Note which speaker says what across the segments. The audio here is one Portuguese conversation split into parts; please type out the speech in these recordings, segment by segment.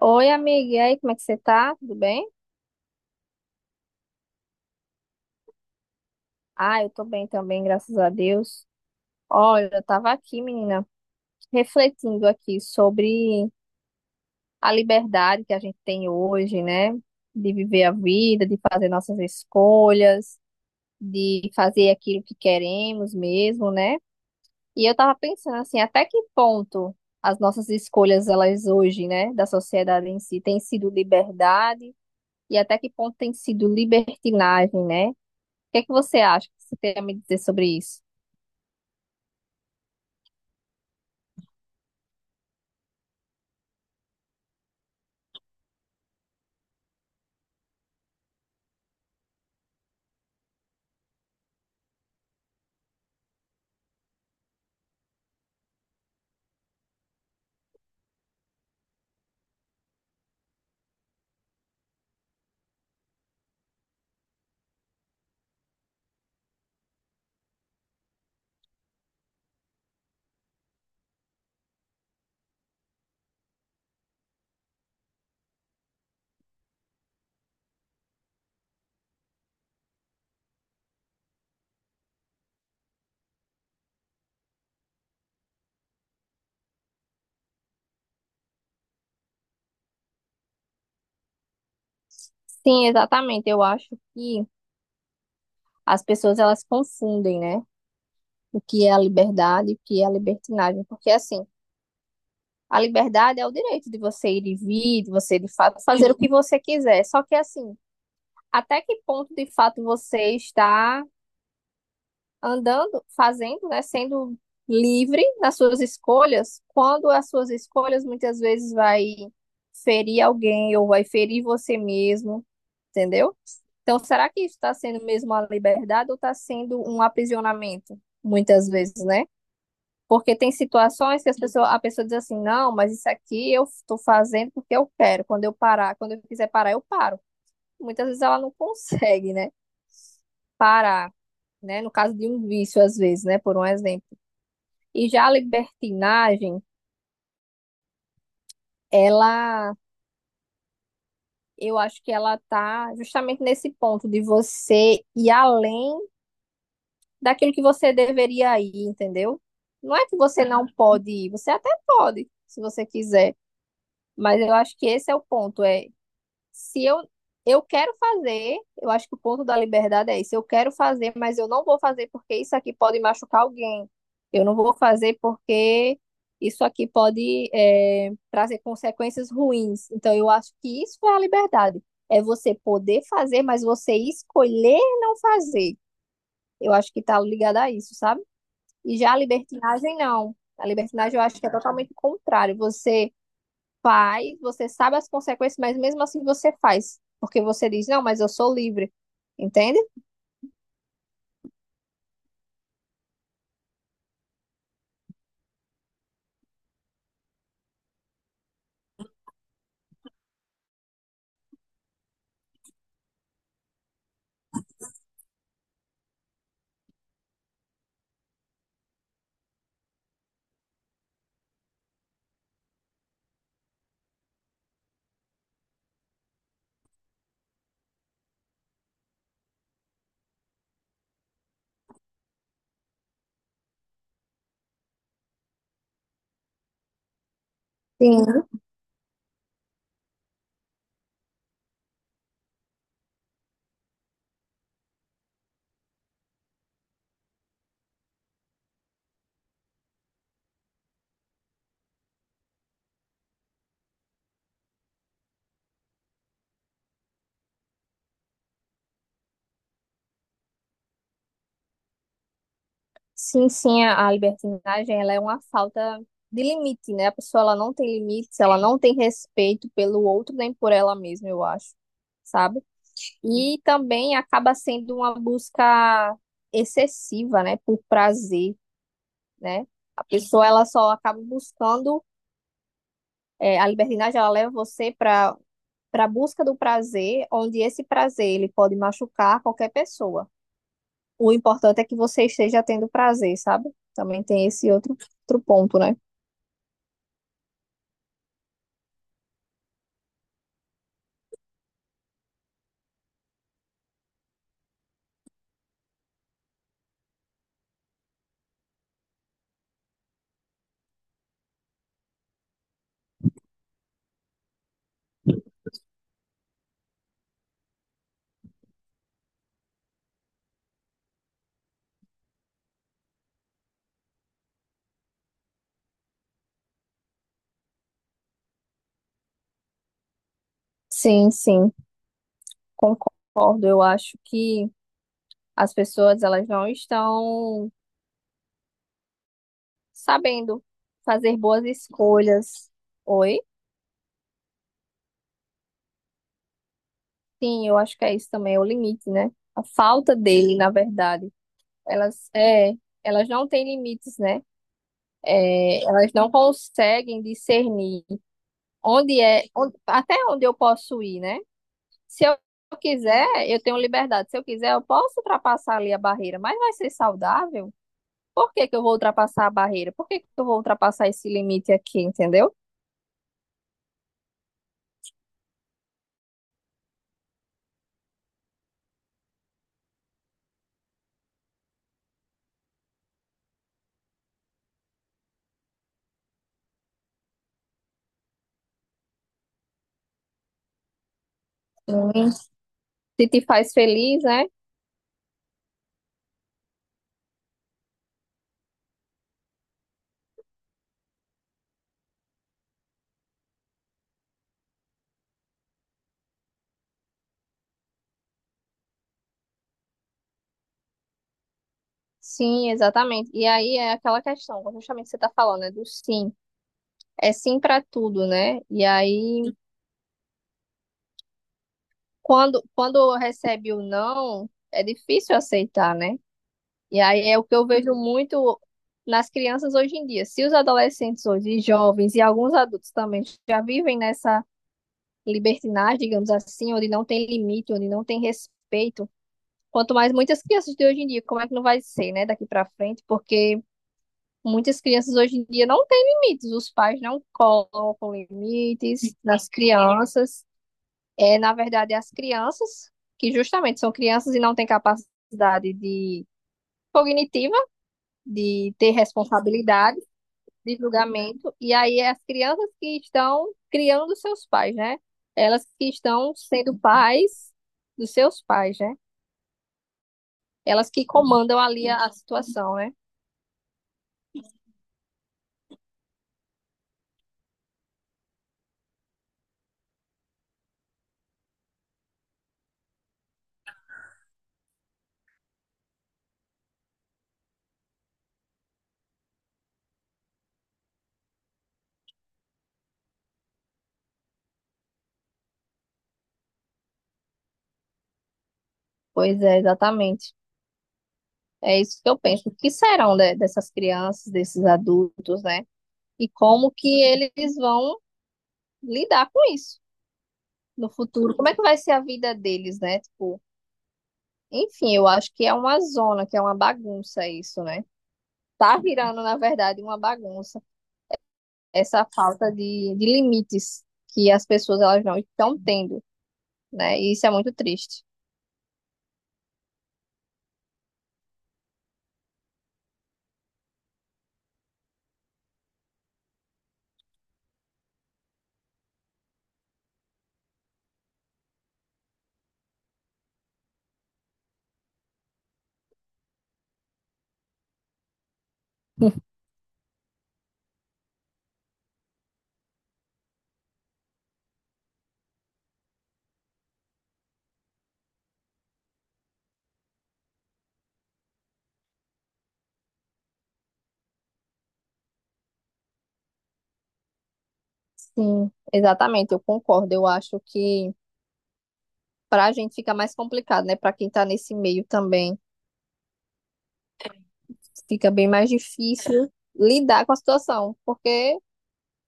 Speaker 1: Oi, amiga, e aí, como é que você tá? Tudo bem? Ah, eu tô bem também, graças a Deus. Olha, eu tava aqui, menina, refletindo aqui sobre a liberdade que a gente tem hoje, né? De viver a vida, de fazer nossas escolhas, de fazer aquilo que queremos mesmo, né? E eu tava pensando assim, até que ponto as nossas escolhas, elas hoje, né, da sociedade em si, têm sido liberdade e até que ponto tem sido libertinagem, né? O que é que você acha que você tem a me dizer sobre isso? Sim, exatamente. Eu acho que as pessoas elas confundem, né? O que é a liberdade e o que é a libertinagem. Porque, assim, a liberdade é o direito de você ir e vir, de você, de fato, fazer o que você quiser. Só que, assim, até que ponto, de fato, você está andando, fazendo, né? Sendo livre nas suas escolhas, quando as suas escolhas muitas vezes vai ferir alguém ou vai ferir você mesmo entendeu? Então, será que isso está sendo mesmo uma liberdade ou está sendo um aprisionamento, muitas vezes, né? Porque tem situações que as pessoas, a pessoa diz assim, não, mas isso aqui eu estou fazendo porque eu quero. Quando eu parar, quando eu quiser parar, eu paro. Muitas vezes ela não consegue, né? Parar, né? No caso de um vício, às vezes, né? Por um exemplo. E já a libertinagem, ela, eu acho que ela tá justamente nesse ponto de você ir além daquilo que você deveria ir, entendeu? Não é que você não pode ir, você até pode, se você quiser, mas eu acho que esse é o ponto, é se eu quero fazer, eu acho que o ponto da liberdade é esse, eu quero fazer, mas eu não vou fazer porque isso aqui pode machucar alguém. Eu não vou fazer porque isso aqui pode é, trazer consequências ruins. Então, eu acho que isso é a liberdade. É você poder fazer, mas você escolher não fazer. Eu acho que tá ligado a isso, sabe? E já a libertinagem, não. A libertinagem eu acho que é totalmente o contrário. Você faz, você sabe as consequências, mas mesmo assim você faz. Porque você diz, não, mas eu sou livre. Entende? Sim. Sim, sim, a libertinagem, ela é uma falta de limite, né? A pessoa, ela não tem limites, ela não tem respeito pelo outro nem por ela mesma, eu acho, sabe? E também acaba sendo uma busca excessiva, né? Por prazer, né? A pessoa, ela só acaba buscando é, a libertinagem ela leva você para a busca do prazer, onde esse prazer ele pode machucar qualquer pessoa. O importante é que você esteja tendo prazer, sabe? Também tem esse outro ponto, né? Sim, sim, concordo. Eu acho que as pessoas elas não estão sabendo fazer boas escolhas. Oi? Sim, eu acho que é isso também, é o limite, né? A falta dele, na verdade. Elas, é, elas não têm limites, né? É, elas não conseguem discernir até onde eu posso ir, né? Se eu quiser, eu tenho liberdade. Se eu quiser, eu posso ultrapassar ali a barreira, mas vai ser saudável? Por que que eu vou ultrapassar a barreira? Por que que eu vou ultrapassar esse limite aqui, entendeu? Hum. Se te faz feliz, né? Sim, exatamente. E aí é aquela questão, justamente você tá falando, né, do sim. É sim para tudo, né? E aí, quando recebe o não, é difícil aceitar, né? E aí é o que eu vejo muito nas crianças hoje em dia. Se os adolescentes hoje, e jovens e alguns adultos também já vivem nessa libertinagem, digamos assim, onde não tem limite, onde não tem respeito, quanto mais muitas crianças de hoje em dia, como é que não vai ser, né, daqui para frente? Porque muitas crianças hoje em dia não têm limites, os pais não colocam limites nas crianças. É, na verdade, as crianças que justamente são crianças e não têm capacidade de cognitiva de ter responsabilidade, de julgamento, e aí as crianças que estão criando seus pais, né? Elas que estão sendo pais dos seus pais, né? Elas que comandam ali a situação, né? Pois é, exatamente. É isso que eu penso. O que serão dessas crianças, desses adultos, né? E como que eles vão lidar com isso no futuro? Como é que vai ser a vida deles, né? Tipo, enfim, eu acho que é uma zona, que é uma bagunça isso, né? Tá virando, na verdade, uma bagunça essa falta de limites que as pessoas elas não estão tendo, né? E isso é muito triste. Sim, exatamente, eu concordo. Eu acho que para a gente fica mais complicado, né? Para quem tá nesse meio também, fica bem mais difícil lidar com a situação, porque,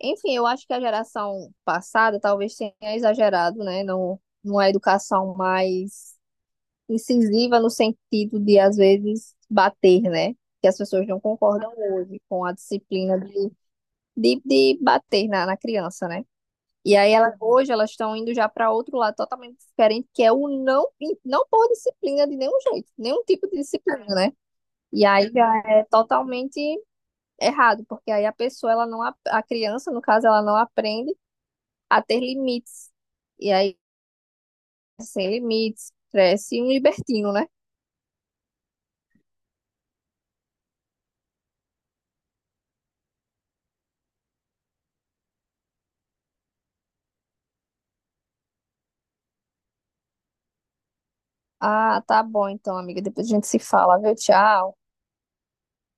Speaker 1: enfim, eu acho que a geração passada talvez tenha exagerado, né, no, numa educação mais incisiva no sentido de, às vezes, bater, né? Que as pessoas não concordam hoje com a disciplina de bater na criança, né? E aí ela, hoje elas estão indo já para outro lado totalmente diferente, que é o não, não por disciplina de nenhum jeito, nenhum tipo de disciplina, né? E aí já é totalmente errado, porque aí a pessoa, ela não, a criança, no caso, ela não aprende a ter limites. E aí, sem limites, cresce um libertino, né? Ah, tá bom então, amiga. Depois a gente se fala, viu? Tchau.